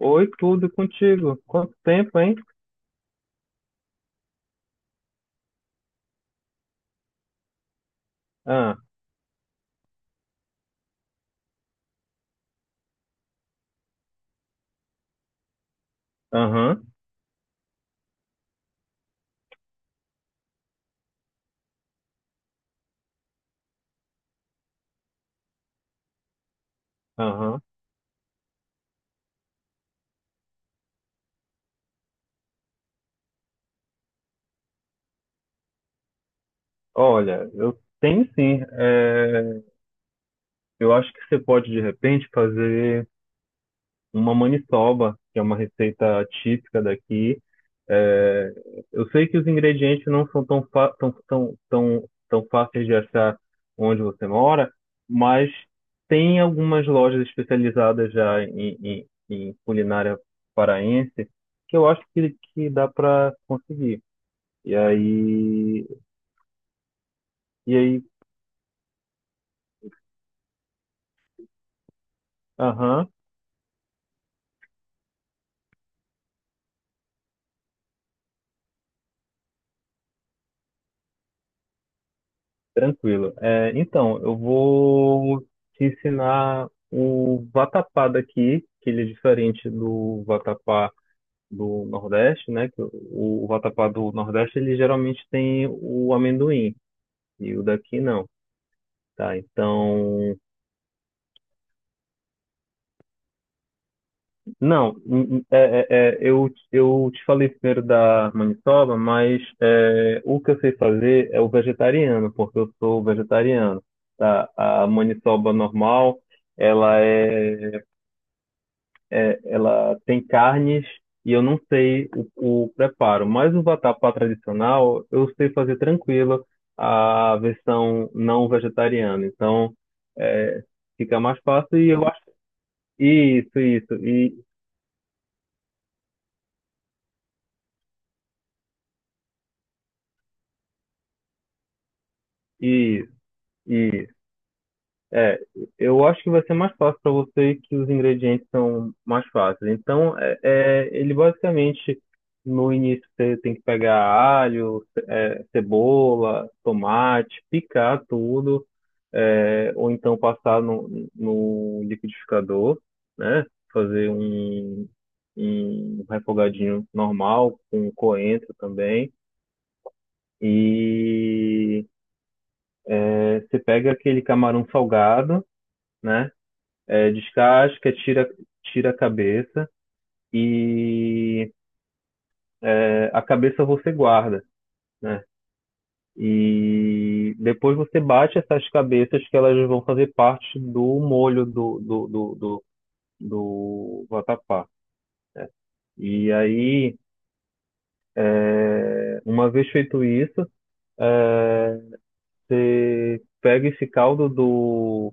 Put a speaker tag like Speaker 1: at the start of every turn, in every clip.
Speaker 1: Oi, tudo contigo? Quanto tempo, hein? Ah, aham, aham. Olha, eu tenho sim. Eu acho que você pode, de repente, fazer uma maniçoba, que é uma receita típica daqui. É, eu sei que os ingredientes não são tão, fa- tão, tão, tão, tão fáceis de achar onde você mora, mas tem algumas lojas especializadas já em culinária paraense que eu acho que dá para conseguir. E aí, e aí, aham, tranquilo. Então, eu vou te ensinar o vatapá daqui, que ele é diferente do vatapá do Nordeste, né? Que o vatapá do Nordeste, ele geralmente tem o amendoim, e o daqui não, tá? Então, não, eu te falei primeiro da maniçoba, mas o que eu sei fazer é o vegetariano, porque eu sou vegetariano, tá? A maniçoba normal, ela é, ela tem carnes e eu não sei o preparo, mas o vatapá tradicional eu sei fazer tranquilo a versão não vegetariana, então é, fica mais fácil e eu acho isso, isso, e, isso. É, eu acho que vai ser mais fácil para você que os ingredientes são mais fáceis. Então, ele basicamente, no início, você tem que pegar alho, cebola, tomate, picar tudo, ou então passar no, no liquidificador, né? Fazer um refogadinho normal, com coentro também. E você pega aquele camarão salgado, né? Descasca, tira a cabeça e a cabeça você guarda, né? E depois você bate essas cabeças que elas vão fazer parte do molho do vatapá. E aí, uma vez feito isso, é, você pega esse caldo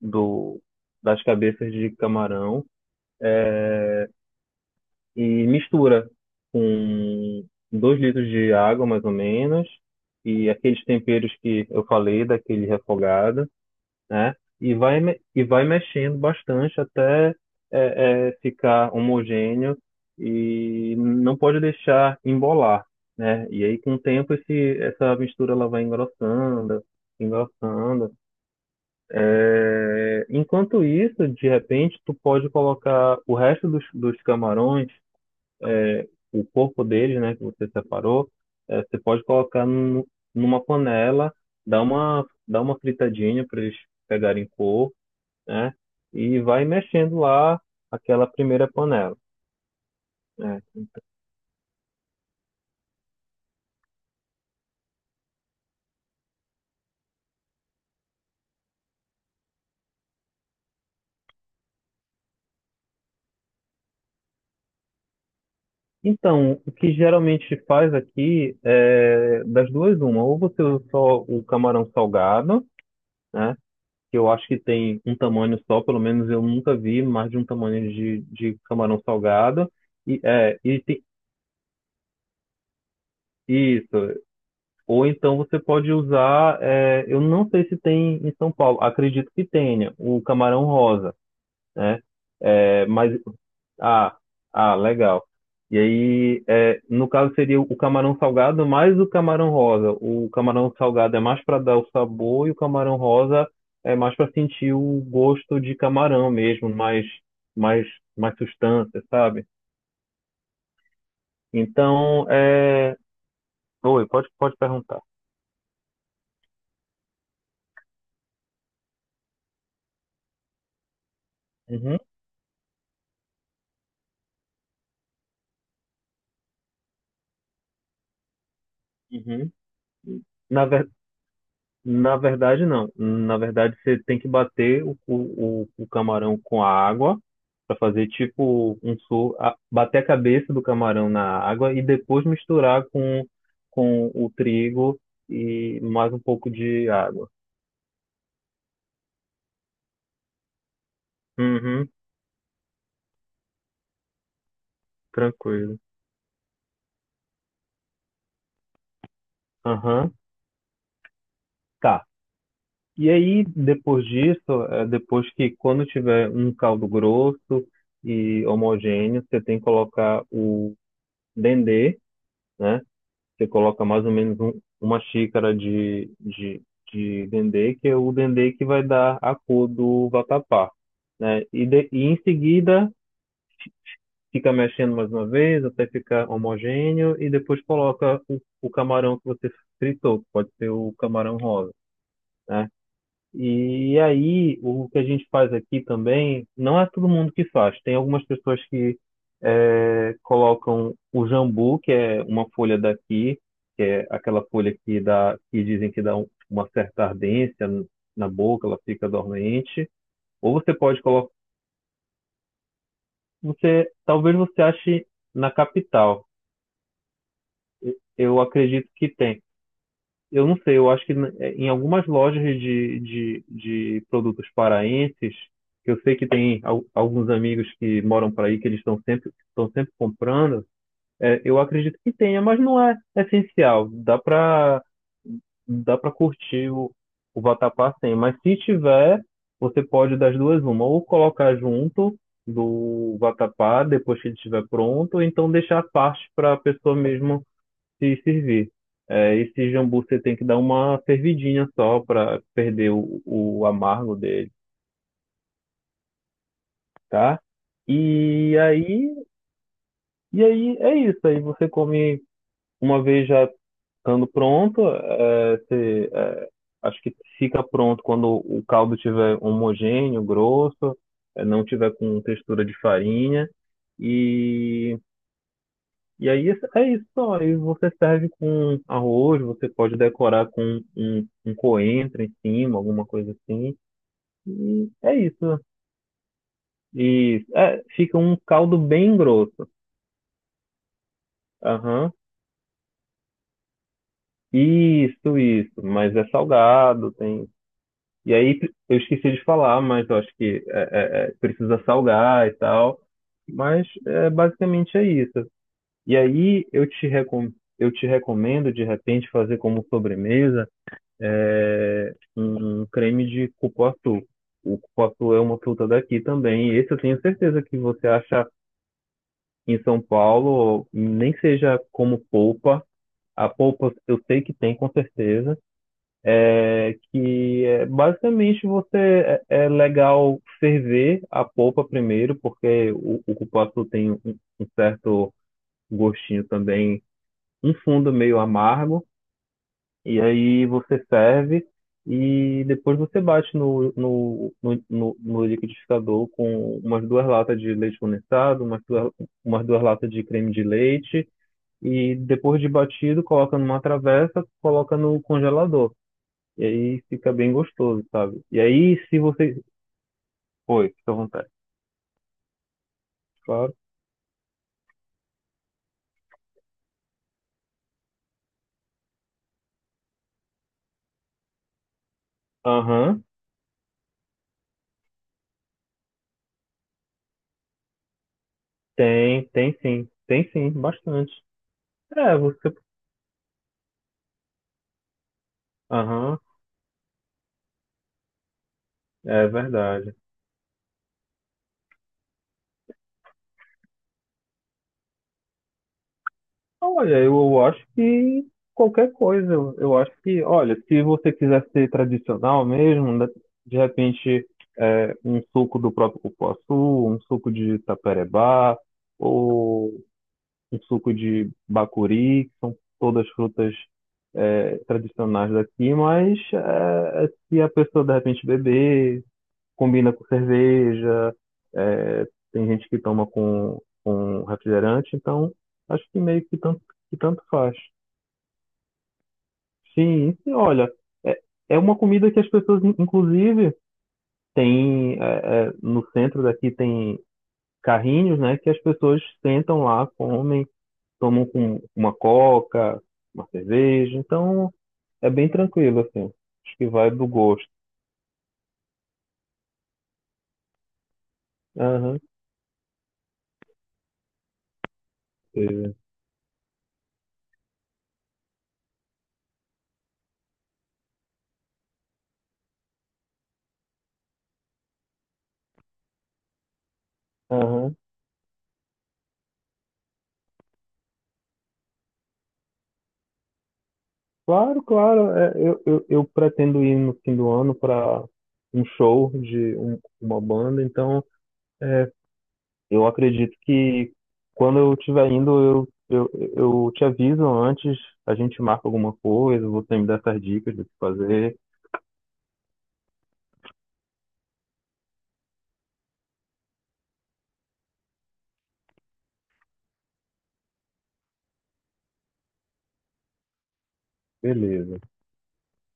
Speaker 1: do, das cabeças de camarão, e mistura com 2 litros de água, mais ou menos, e aqueles temperos que eu falei, daquele refogado, né? E e vai mexendo bastante até ficar homogêneo e não pode deixar embolar, né? E aí, com o tempo, essa mistura ela vai engrossando, engrossando. Enquanto isso, de repente, tu pode colocar o resto dos camarões, o corpo dele, né, que você separou. Você pode colocar numa panela, dar uma fritadinha para eles pegarem cor, né, e vai mexendo lá aquela primeira panela, né. Então, o que geralmente faz aqui é das duas uma, ou você usa só o camarão salgado, né, que eu acho que tem um tamanho só, pelo menos eu nunca vi mais de um tamanho de camarão salgado, e tem, isso. Ou então você pode usar, eu não sei se tem em São Paulo, acredito que tenha, o camarão rosa, né? Mas, ah, ah, legal. E aí, no caso seria o camarão salgado mais o camarão rosa. O camarão salgado é mais para dar o sabor e o camarão rosa é mais para sentir o gosto de camarão mesmo, mais, mais substância, sabe? Então, é... Oi, pode perguntar. Uhum, uhum. Na Na verdade, não. Na verdade, você tem que bater o camarão com a água para fazer tipo bater a cabeça do camarão na água e depois misturar com o trigo e mais um pouco de água. Uhum, tranquilo. Aham, tá. E aí, depois disso, depois que quando tiver um caldo grosso e homogêneo, você tem que colocar o dendê, né? Você coloca mais ou menos uma xícara de dendê, que é o dendê que vai dar a cor do vatapá, né? E em seguida fica mexendo mais uma vez até ficar homogêneo e depois coloca o camarão que você fritou, que pode ser o camarão rosa, né? E aí, o que a gente faz aqui também, não é todo mundo que faz. Tem algumas pessoas que colocam o jambu, que é uma folha daqui, que é aquela folha que dizem que dá uma certa ardência na boca, ela fica dormente. Ou você pode colocar, talvez você ache na capital. Eu acredito que tem. Eu não sei, eu acho que em algumas lojas de produtos paraenses, que eu sei que tem alguns amigos que moram por aí, que eles estão sempre comprando. Eu acredito que tenha, mas não é essencial. Dá para curtir o vatapá sem, mas se tiver, você pode das duas uma, ou colocar junto do vatapá depois que ele estiver pronto, ou então deixar a parte para a pessoa mesmo se servir. Esse jambu você tem que dar uma fervidinha só para perder o amargo dele, tá? E aí, e aí é isso. Aí você come uma vez já estando pronto. Acho que fica pronto quando o caldo tiver homogêneo, grosso, não tiver com textura de farinha. E E aí é isso só. Aí você serve com arroz, você pode decorar com um coentro em cima, alguma coisa assim. E é isso. E fica um caldo bem grosso. Aham. Isso, isso. Mas é salgado, tem. E aí eu esqueci de falar, mas eu acho que precisa salgar e tal. Mas basicamente é isso. E aí eu te recomendo de repente fazer como sobremesa um creme de cupuaçu. O cupuaçu é uma fruta daqui também. Esse eu tenho certeza que você acha em São Paulo, nem seja como polpa. A polpa eu sei que tem, com certeza. É que basicamente é legal ferver a polpa primeiro, porque o cupuaçu tem um certo gostinho também, um fundo meio amargo. E aí você serve e depois você bate no liquidificador com umas duas latas de leite condensado, umas duas latas de creme de leite e depois de batido coloca numa travessa, coloca no congelador. E aí fica bem gostoso, sabe? E aí se você... Oi, fica à vontade, claro. Aham, tem sim. Tem sim, bastante. Você... Aham, é verdade. Olha, eu acho que qualquer coisa, eu acho que, olha, se você quiser ser tradicional mesmo, né, de repente um suco do próprio cupuaçu, um suco de taperebá, ou um suco de bacuri, que são todas frutas tradicionais daqui, mas se a pessoa de repente beber combina com cerveja, é, tem gente que toma com refrigerante, então acho que que tanto faz. Sim, olha, é, uma comida que as pessoas, inclusive, no centro daqui tem carrinhos, né, que as pessoas sentam lá, comem, tomam com uma coca, uma cerveja, então é bem tranquilo, assim. Acho que vai do gosto. Aham, teve. Aham. Claro, claro. Eu pretendo ir no fim do ano para um show de uma banda, então é, eu acredito que quando eu estiver indo, eu te aviso antes, a gente marca alguma coisa, você me dá essas dicas do que fazer. Beleza.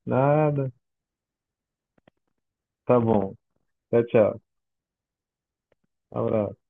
Speaker 1: Nada. Tá bom. Tchau, tchau. Abraço.